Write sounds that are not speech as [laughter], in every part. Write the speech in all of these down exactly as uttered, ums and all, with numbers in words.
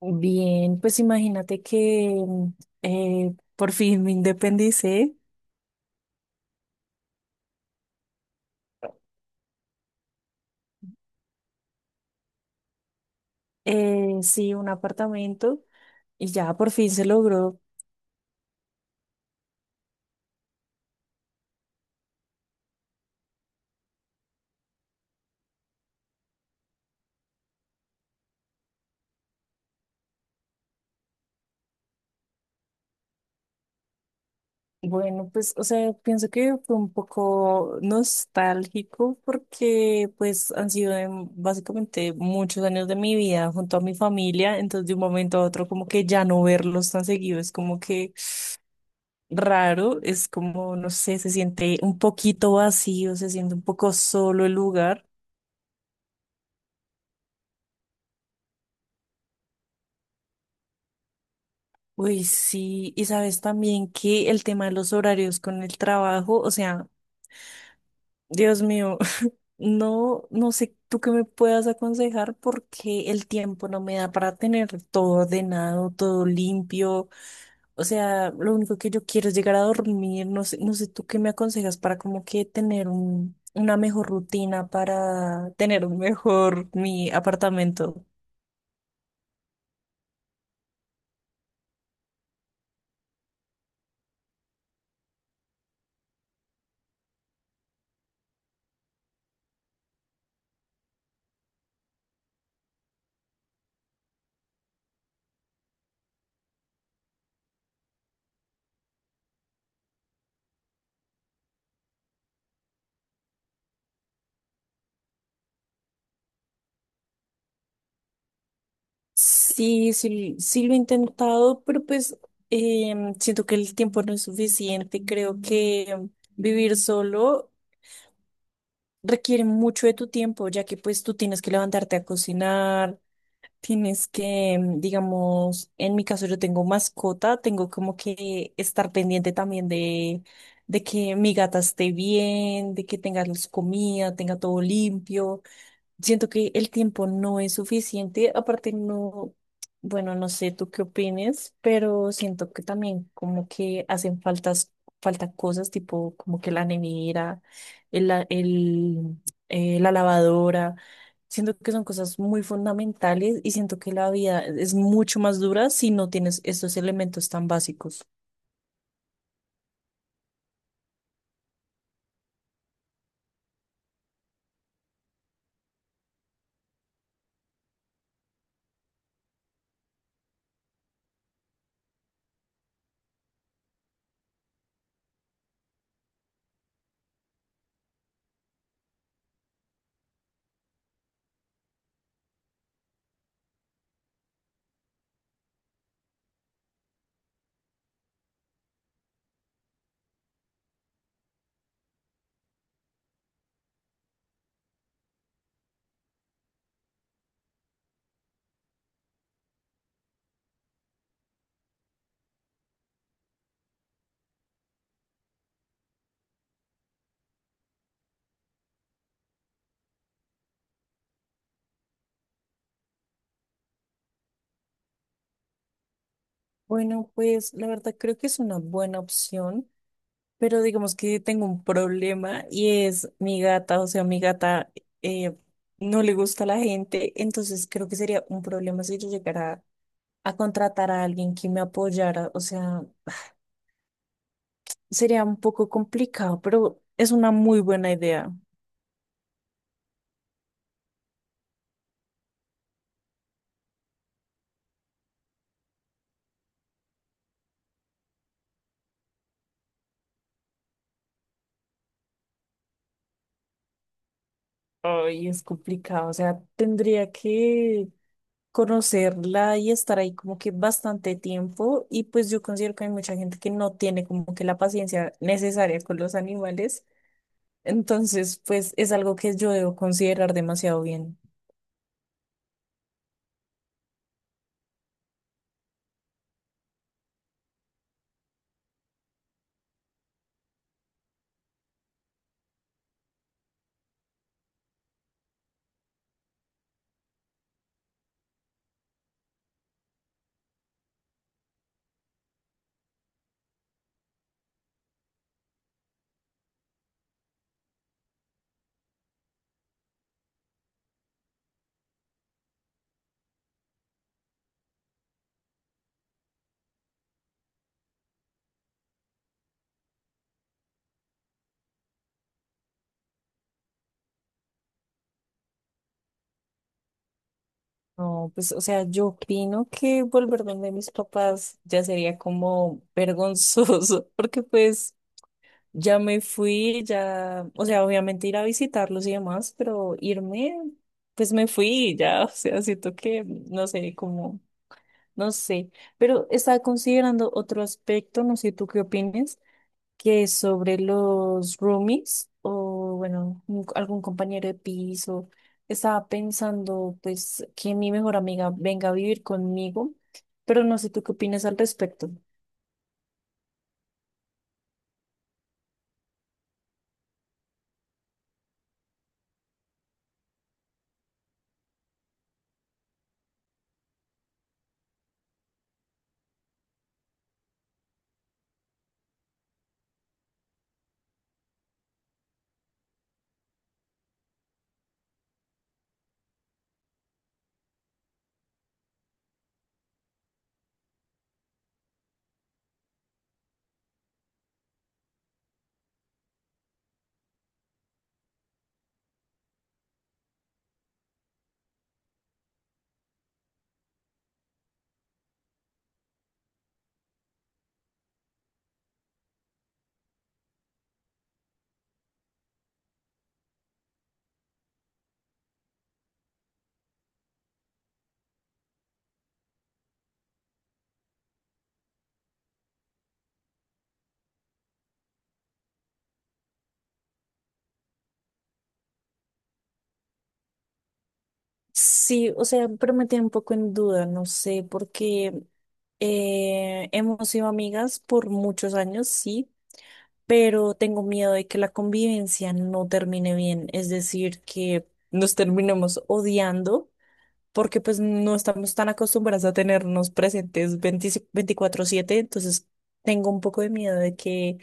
Bien, pues imagínate que mm, eh, por fin me independicé. Eh, sí, un apartamento y ya por fin se logró. Bueno, pues, o sea, pienso que fue un poco nostálgico porque pues han sido em, básicamente muchos años de mi vida junto a mi familia, entonces de un momento a otro como que ya no verlos tan seguido es como que raro, es como, no sé, se siente un poquito vacío, se siente un poco solo el lugar. Uy, sí, y sabes también que el tema de los horarios con el trabajo, o sea, Dios mío, [laughs] no, no sé tú qué me puedas aconsejar porque el tiempo no me da para tener todo ordenado, todo limpio, o sea, lo único que yo quiero es llegar a dormir, no sé, no sé tú qué me aconsejas para como que tener un, una mejor rutina, para tener un mejor mi apartamento. Sí, sí, sí lo he intentado, pero pues em, siento que el tiempo no es suficiente. Creo que vivir solo requiere mucho de tu tiempo, ya que pues tú tienes que levantarte a cocinar, tienes que, em, digamos, en mi caso yo tengo mascota, tengo como que estar pendiente también de, de que mi gata esté bien, de que tenga su comida, tenga todo limpio. Siento que el tiempo no es suficiente, aparte no, bueno, no sé tú qué opines, pero siento que también como que hacen faltas, falta cosas tipo como que la nevera, el, la- el, eh, la lavadora, siento que son cosas muy fundamentales y siento que la vida es mucho más dura si no tienes estos elementos tan básicos. Bueno, pues la verdad creo que es una buena opción. Pero digamos que tengo un problema y es mi gata, o sea, mi gata eh, no le gusta a la gente, entonces creo que sería un problema si yo llegara a contratar a alguien que me apoyara, o sea, sería un poco complicado, pero es una muy buena idea. Ay, es complicado, o sea, tendría que conocerla y estar ahí como que bastante tiempo y pues yo considero que hay mucha gente que no tiene como que la paciencia necesaria con los animales. Entonces, pues es algo que yo debo considerar demasiado bien. No, pues, o sea, yo opino que volver donde mis papás ya sería como vergonzoso, [laughs] porque pues ya me fui, ya, o sea, obviamente ir a visitarlos y demás, pero irme, pues me fui, ya, [laughs] o sea, siento que, no sé, como, no sé, pero estaba considerando otro aspecto, no sé tú qué opines, que es sobre los roomies o, bueno, un- algún compañero de piso. Estaba pensando, pues, que mi mejor amiga venga a vivir conmigo, pero no sé tú qué opinas al respecto. Sí, o sea, pero me tiene un poco en duda, no sé, porque eh, hemos sido amigas por muchos años, sí, pero tengo miedo de que la convivencia no termine bien, es decir, que nos terminemos odiando, porque pues no estamos tan acostumbradas a tenernos presentes 20 veinticuatro siete, entonces tengo un poco de miedo de que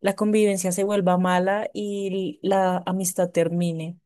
la convivencia se vuelva mala y la amistad termine.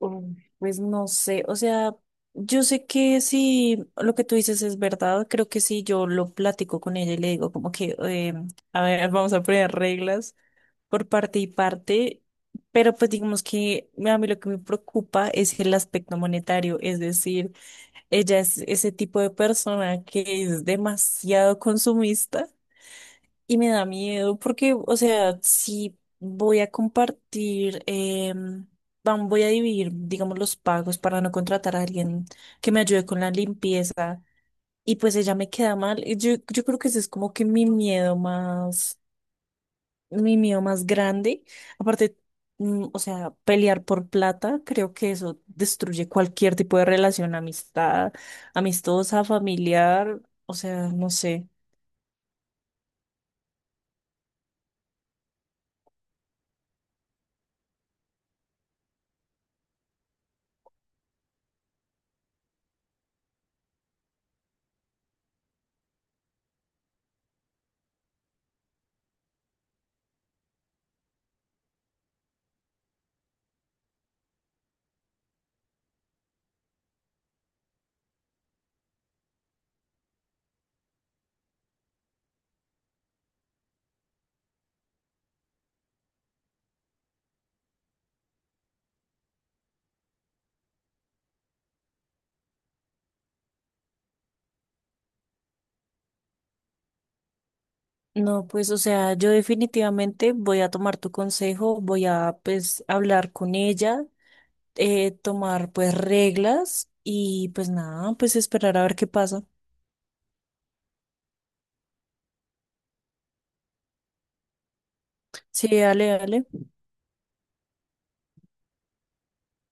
Mm, pues no sé, o sea, yo sé que si lo que tú dices es verdad, creo que si yo lo platico con ella y le digo como que, eh, a ver, vamos a poner reglas por parte y parte, pero pues digamos que a mí lo que me preocupa es el aspecto monetario, es decir, ella es ese tipo de persona que es demasiado consumista y me da miedo porque, o sea, si voy a compartir, em, vam- voy a dividir, digamos, los pagos para no contratar a alguien que me ayude con la limpieza y pues ella me queda mal. y Yo, yo creo que ese es como que mi miedo más, mi miedo más grande. Aparte, mm, o sea, pelear por plata, creo que eso destruye cualquier tipo de relación, amistad, amistosa, familiar, o sea, no sé. No, pues, o sea, yo definitivamente voy a tomar tu consejo, voy a, pues, hablar con ella, eh, tomar, pues, reglas y, pues, nada, pues, esperar a ver qué pasa. Sí, dale, dale.